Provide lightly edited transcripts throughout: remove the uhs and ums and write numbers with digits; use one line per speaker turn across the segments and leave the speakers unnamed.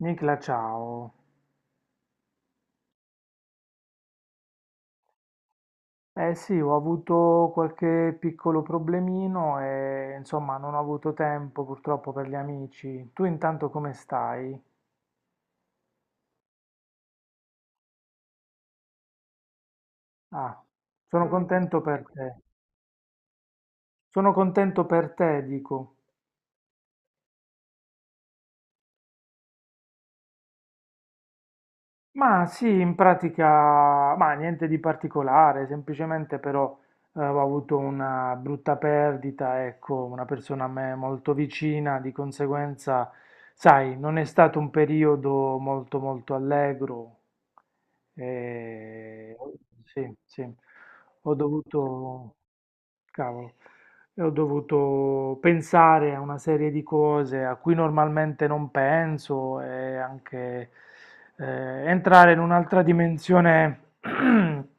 Nicla, ciao. Eh sì, ho avuto qualche piccolo problemino e insomma non ho avuto tempo purtroppo per gli amici. Tu intanto come stai? Ah, sono Ah, mi contento per dispiace. Te. Sono contento per te, dico. Ma sì, in pratica, ma niente di particolare, semplicemente però ho avuto una brutta perdita, ecco, una persona a me molto vicina, di conseguenza, sai, non è stato un periodo molto molto allegro. E sì, sì, ho dovuto, cavolo, e ho dovuto pensare a una serie di cose a cui normalmente non penso e anche eh, entrare in un'altra dimensione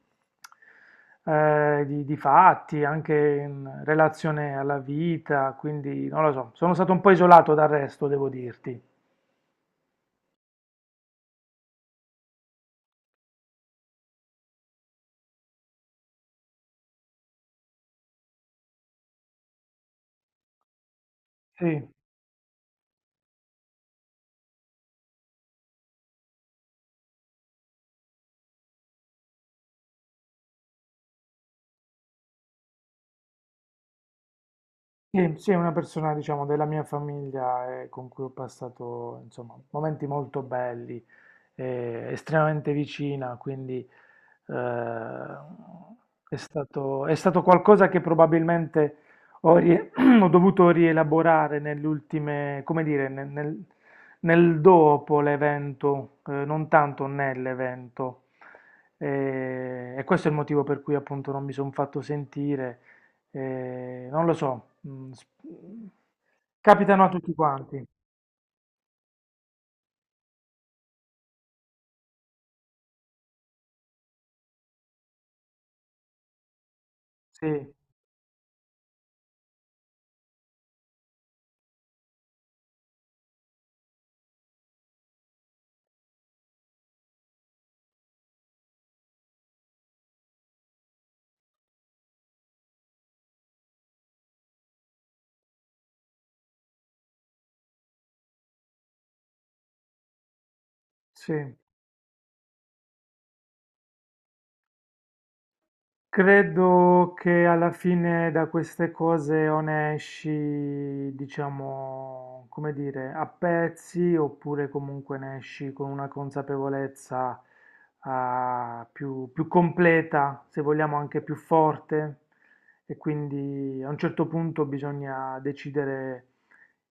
di fatti, anche in relazione alla vita, quindi non lo so, sono stato un po' isolato dal resto, devo dirti. Sì. Sì, sì, è una persona, diciamo, della mia famiglia con cui ho passato, insomma, momenti molto belli, estremamente vicina, quindi eh, è stato qualcosa che probabilmente ho, ho dovuto rielaborare nell'ultime, come dire, nel dopo l'evento, non tanto nell'evento. E, questo è il motivo per cui appunto non mi sono fatto sentire. Non lo so, capitano a tutti quanti. Sì, sì. Credo che alla fine da queste cose o ne esci, diciamo, come dire, a pezzi oppure comunque ne esci con una consapevolezza più completa, se vogliamo anche più forte. E quindi a un certo punto bisogna decidere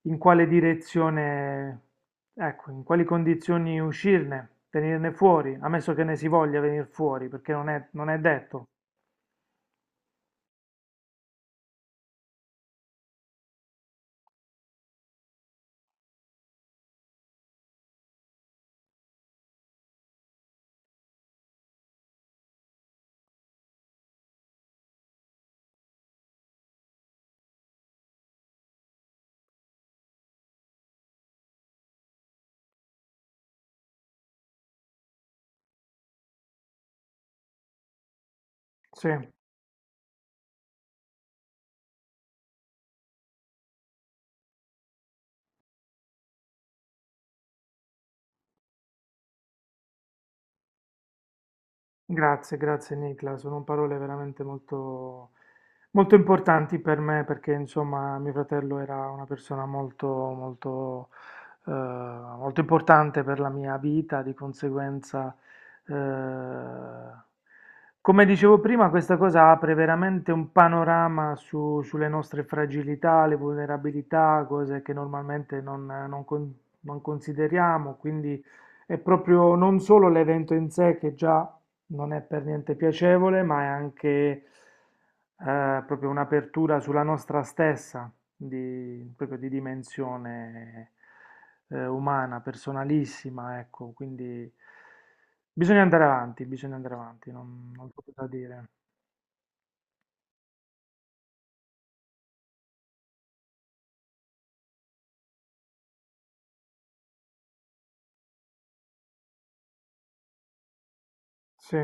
in quale direzione, ecco, in quali condizioni uscirne, venirne fuori, ammesso che ne si voglia venire fuori, perché non è detto. Sì. Grazie, grazie Nicla, sono parole veramente molto importanti per me perché insomma mio fratello era una persona molto, molto importante per la mia vita, di conseguenza, eh, come dicevo prima, questa cosa apre veramente un panorama sulle nostre fragilità, le vulnerabilità, cose che normalmente non consideriamo, quindi è proprio non solo l'evento in sé che già non è per niente piacevole, ma è anche proprio un'apertura sulla nostra stessa, di, proprio di dimensione umana, personalissima, ecco, quindi bisogna andare avanti, non c'è cosa dire. Sì,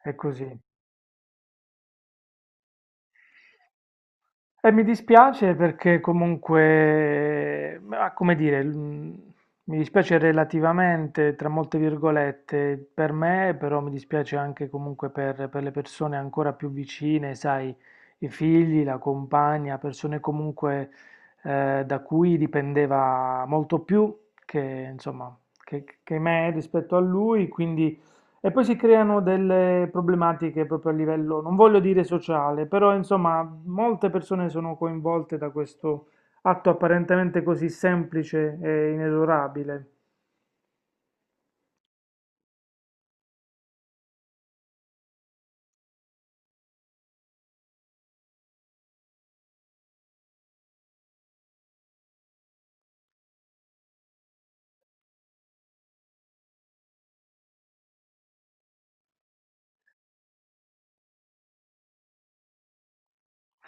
è così. E mi dispiace perché comunque, ma come dire, mi dispiace relativamente, tra molte virgolette, per me, però mi dispiace anche comunque per le persone ancora più vicine, sai, i figli, la compagna, persone comunque da cui dipendeva molto più che, insomma, che me rispetto a lui, quindi... E poi si creano delle problematiche proprio a livello, non voglio dire sociale, però insomma molte persone sono coinvolte da questo atto apparentemente così semplice e inesorabile.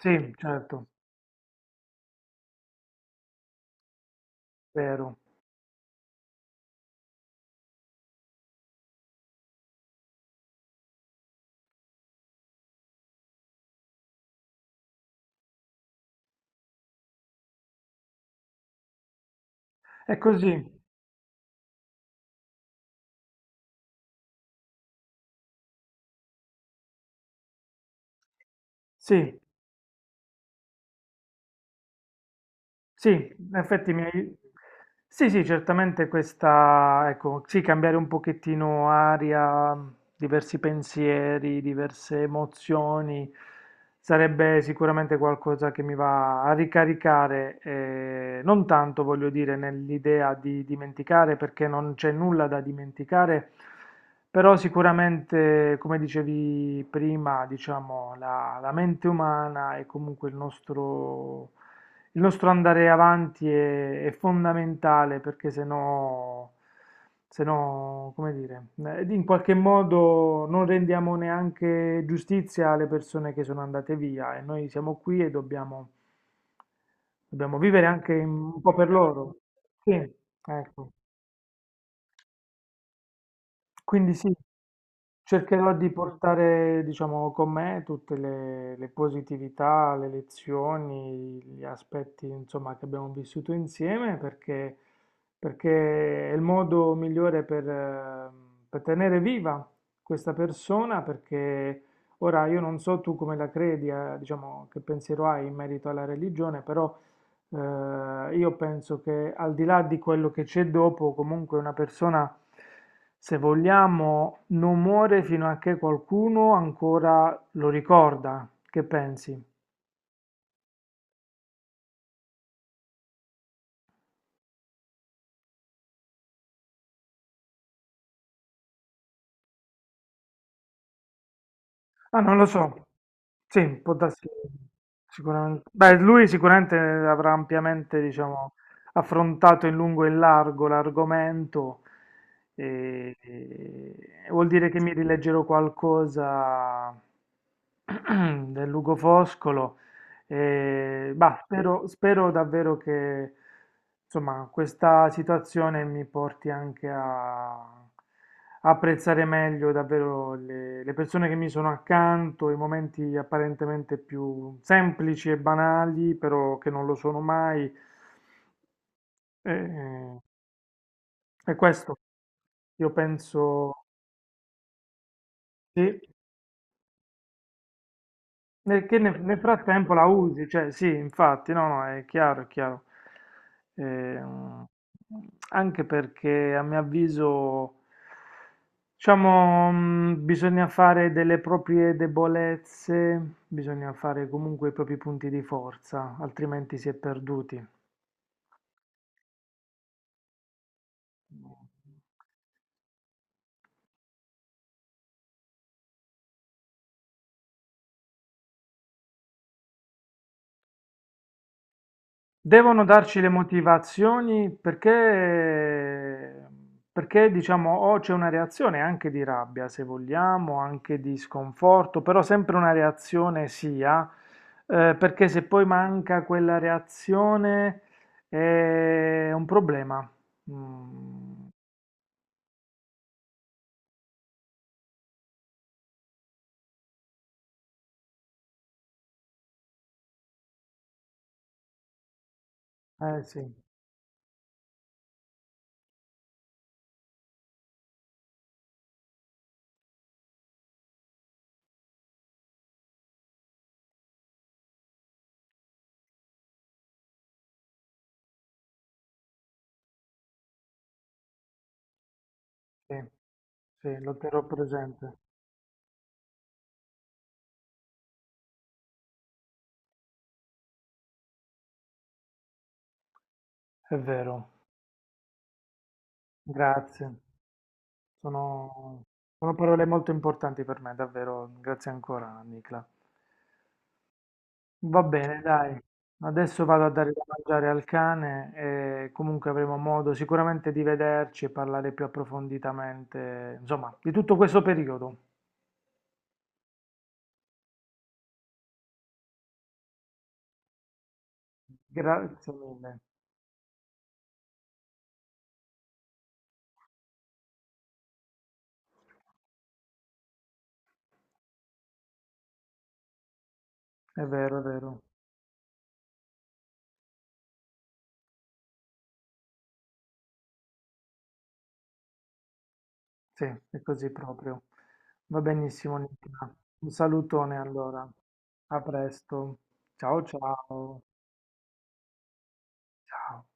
Sì, certo, vero. È così, sì. Sì, in effetti mi hai... Sì, sì, certamente questa, ecco, sì, cambiare un pochettino aria, diversi pensieri, diverse emozioni, sarebbe sicuramente qualcosa che mi va a ricaricare, non tanto voglio dire nell'idea di dimenticare, perché non c'è nulla da dimenticare, però sicuramente, come dicevi prima, diciamo, la mente umana e comunque il nostro andare avanti è fondamentale perché se no, se no, come dire, in qualche modo non rendiamo neanche giustizia alle persone che sono andate via e noi siamo qui e dobbiamo, dobbiamo vivere anche un po' per loro. Sì, ecco. Quindi sì, cercherò di portare, diciamo, con me tutte le positività, le lezioni, gli aspetti, insomma, che abbiamo vissuto insieme perché, perché è il modo migliore per tenere viva questa persona perché ora io non so tu come la credi, diciamo, che pensiero hai in merito alla religione, però io penso che al di là di quello che c'è dopo, comunque una persona, se vogliamo, non muore fino a che qualcuno ancora lo ricorda. Che pensi? Ah, non lo so. Sì, può darsi sicuramente. Beh, lui sicuramente avrà ampiamente, diciamo, affrontato in lungo e in largo l'argomento. E vuol dire che mi rileggerò qualcosa del Lugo Foscolo. E, bah, spero, spero davvero che insomma, questa situazione mi porti anche a apprezzare meglio davvero le persone che mi sono accanto, i momenti apparentemente più semplici e banali, però che non lo sono mai. E, e questo, io penso, sì. Perché nel frattempo la usi, cioè sì, infatti, no, no, è chiaro, è chiaro. Ehm, Anche perché a mio avviso, diciamo, bisogna fare delle proprie debolezze, bisogna fare comunque i propri punti di forza, altrimenti si è perduti. Devono darci le motivazioni perché, perché diciamo, o c'è una reazione anche di rabbia, se vogliamo, anche di sconforto, però sempre una reazione sia, perché se poi manca quella reazione è un problema. Mm, eh sì, sì, sì, lo terrò presente. È vero, grazie. Sono, sono parole molto importanti per me, davvero. Grazie ancora, Nicla. Va bene, dai. Adesso vado a dare da mangiare al cane e comunque avremo modo sicuramente di vederci e parlare più approfonditamente, insomma, di tutto questo periodo. Grazie mille. È vero, è vero. Sì, è così proprio. Va benissimo, Nicola. Un salutone allora. A presto. Ciao, ciao. Ciao.